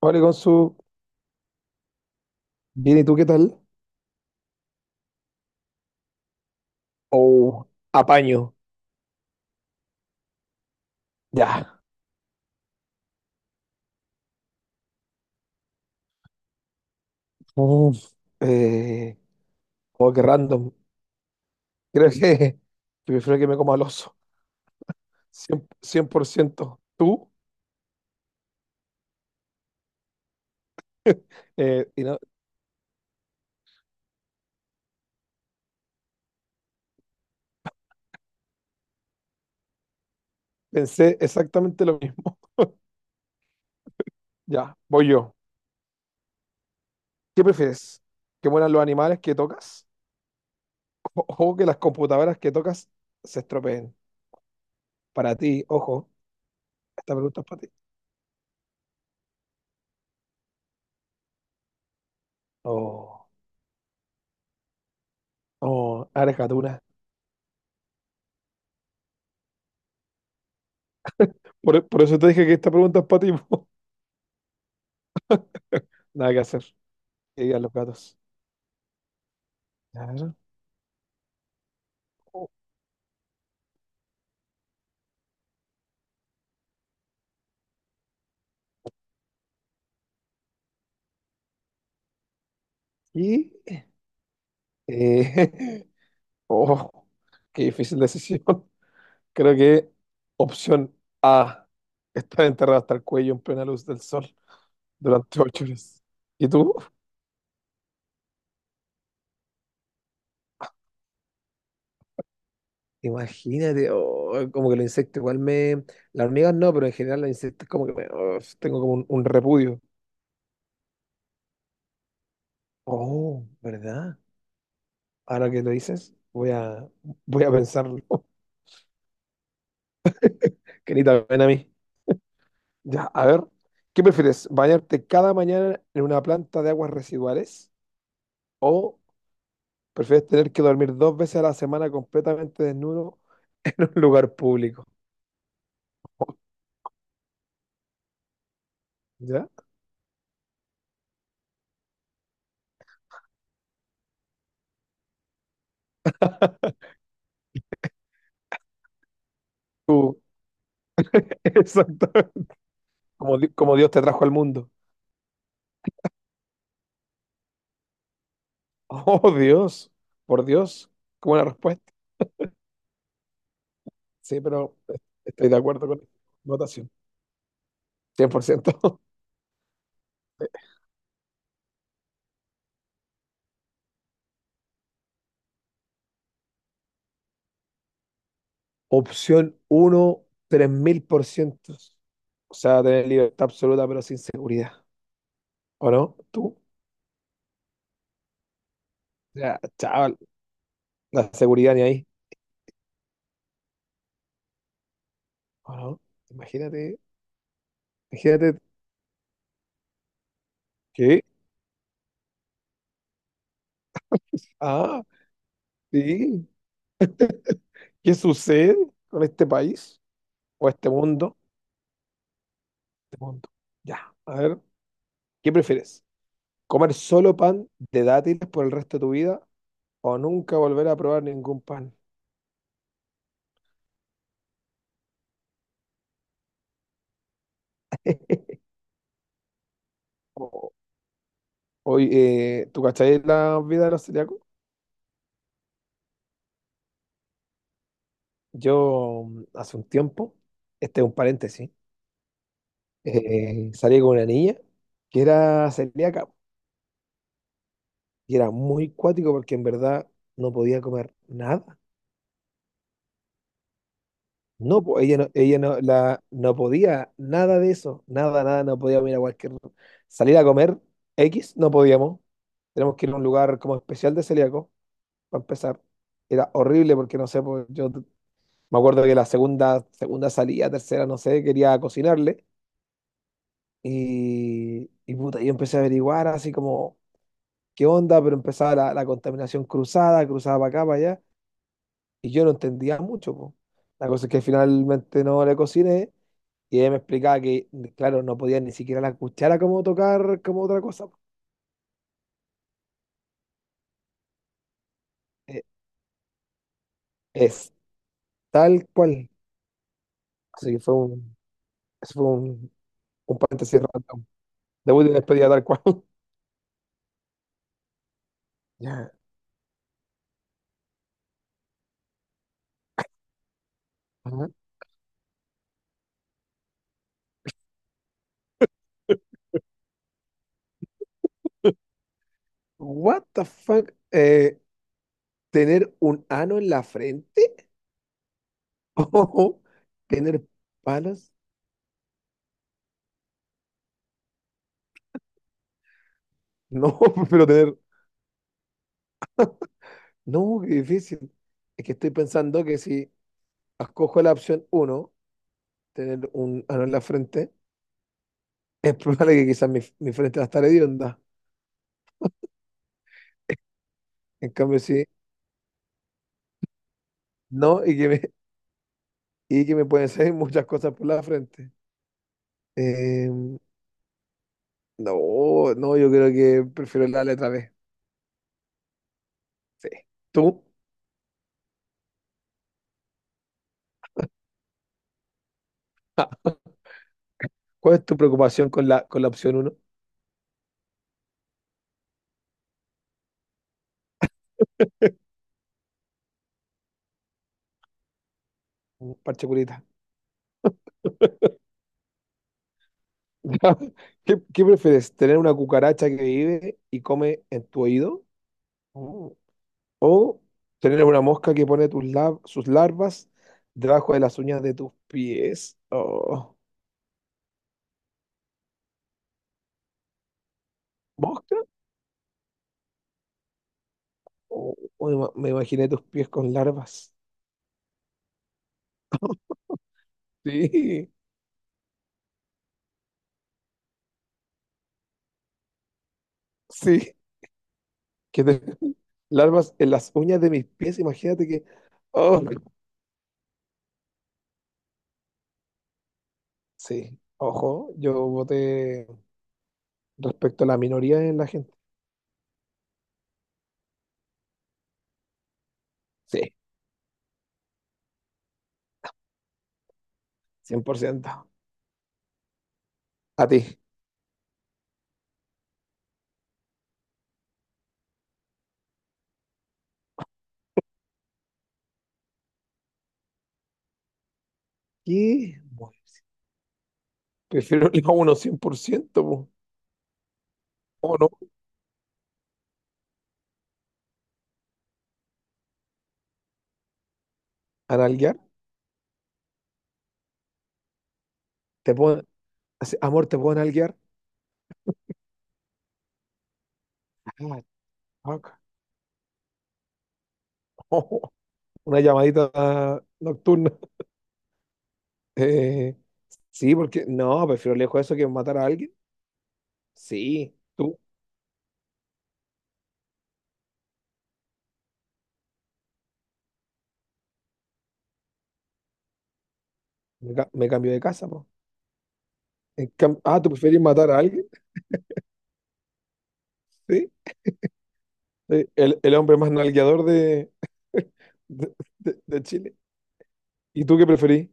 Hola, Consu. Bien, ¿y tú qué tal? Oh, apaño. Ya. Uf, eh, oh, qué random. Creo que, que prefiero que me coma el oso. ¿Cien por ciento? Tú, eh, y no- pensé exactamente lo mismo. Ya, voy yo. ¿Qué prefieres? ¿Que mueran los animales que tocas? ¿O, o que las computadoras que tocas se estropeen? Para ti, ojo, esta pregunta es para ti. Oh, oh, eres gatuna. Por eso te dije que esta pregunta es para ti. Po. Nada que hacer. Que digan los gatos. Claro. Y, eh, oh, qué difícil decisión. Creo que opción A, estar enterrado hasta el cuello en plena luz del sol durante 8 horas. ¿Y tú? Imagínate, oh, como que los insectos igual me... Las hormigas no, pero en general los insectos como que oh, tengo como un repudio. Oh, ¿verdad? Ahora que lo dices, voy a pensarlo. Que ni también a mí. Ya, a ver, ¿qué prefieres? ¿Bañarte cada mañana en una planta de aguas residuales? ¿O prefieres tener que dormir dos veces a la semana completamente desnudo en un lugar público? ¿Ya? Tú, exacto. Como, como Dios te trajo al mundo. Oh, Dios, por Dios, qué buena respuesta. Sí, pero estoy de acuerdo con la votación. Cien por ciento. Opción uno 3.000 por 3000%. O sea, tener libertad absoluta, pero sin seguridad. ¿O no? ¿Tú? O sea, chaval, la seguridad ni ahí. Ah, no, Imagínate, imagínate que, ah, sí, ¿qué sucede con este país o este mundo? Este mundo. Ya, a ver, ¿qué prefieres? ¿Comer solo pan de dátiles por el resto de tu vida o nunca volver a probar ningún pan? O- Hoy, ¿tú cacháis la vida de los celíacos? Yo hace un tiempo, este es un paréntesis, salí con una niña que era celíaca. Y era muy cuático porque en verdad no podía comer nada. No, ella no, no podía nada de eso. Nada, nada, no podíamos ir a cualquier... Salir a comer X, no podíamos. Tenemos que ir a un lugar como especial de celíaco, para empezar. Era horrible porque, no sé, pues, me acuerdo que la segunda salida, tercera, no sé, quería cocinarle. Y puta, yo empecé a averiguar así como, ¿qué onda? Pero empezaba la contaminación cruzada para acá, para allá. Y yo no entendía mucho, po. La cosa es que finalmente no le cociné y ella me explicaba que, claro, no podía ni siquiera la cuchara como tocar como otra cosa. Po. Eh, Es tal cual. Así que eso fue un paréntesis random. Debut y despedida tal cual. Ya. Ajá. What the fuck? ¿Tener un ano en la frente? ¿O ¿Tener palos? No, pero tener... No, qué difícil. Es que estoy pensando que si escojo la opción uno tener un ano en la frente, es probable que quizás mi frente va a estar hedionda. En cambio, si no, y que me, y que me pueden salir muchas cosas por la frente. Eh, no, no, yo creo que prefiero la letra B. Sí. ¿Tú? Ah, ¿cuál es tu preocupación con la opción 1? Parche curita. ¿Qué prefieres? ¿Tener una cucaracha que vive y come en tu oído? Mm. ¿O tener una mosca que pone sus larvas debajo de las uñas de tus pies? Oh. ¿Mosca? Me imaginé tus pies con larvas. Sí, sí, que te- larvas en las uñas de mis pies, imagínate que... Oh, sí, ojo, yo voté respecto a la minoría en la gente. Sí, cien por ciento. A ti. ¿Qué? Bueno, prefiero el a uno 100% po. ¿Cómo no? ¿Analguear? ¿Te puedo... así, amor, ¿te puedo analguear? Ah, fuck. Una llamadita nocturna. Eh, Sí, porque no, prefiero lejos eso que matar a alguien. Sí, tú, me cambio de casa, po. ¿Tú prefieres matar a alguien? Sí, sí, el hombre más nalgueador de, de, de Chile. ¿Y tú qué preferís?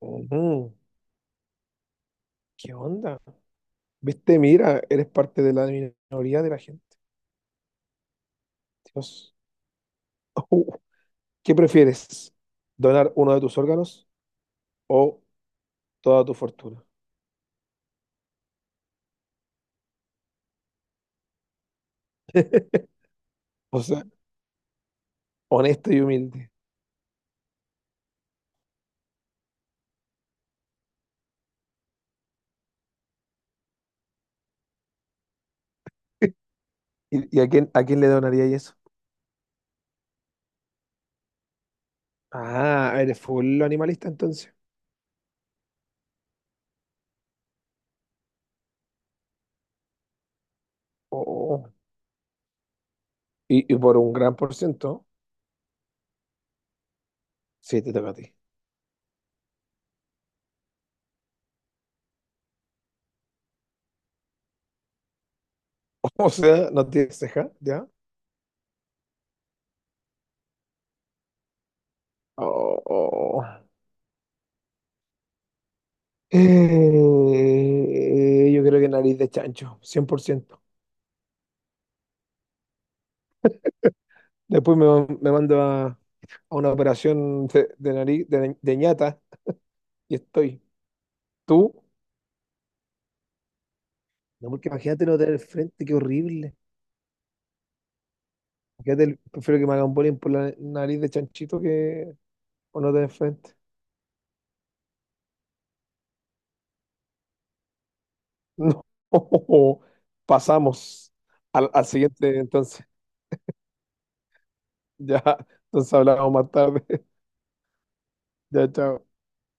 Ujú, ¿qué onda? Viste, mira, eres parte de la minoría de la gente. Dios. Uh, ¿Qué prefieres? ¿Donar uno de tus órganos o toda tu fortuna? O sea, honesto y humilde. ¿Y a quién le donaría eso? Ah, eres full animalista entonces. Oh, y por un gran por ciento, sí, te toca a ti. O sea, no tienes ceja, ¿ya? Oh, oh. Yo creo que nariz de chancho, 100%. Después me mando a una operación de nariz, de ñata, y estoy. ¿Tú? No, porque imagínate no tener frente, qué horrible. Imagínate, prefiero que me hagan bullying por la nariz de chanchito que o no tener frente. No, pasamos al siguiente entonces. Ya, entonces hablamos más tarde. Ya, chao.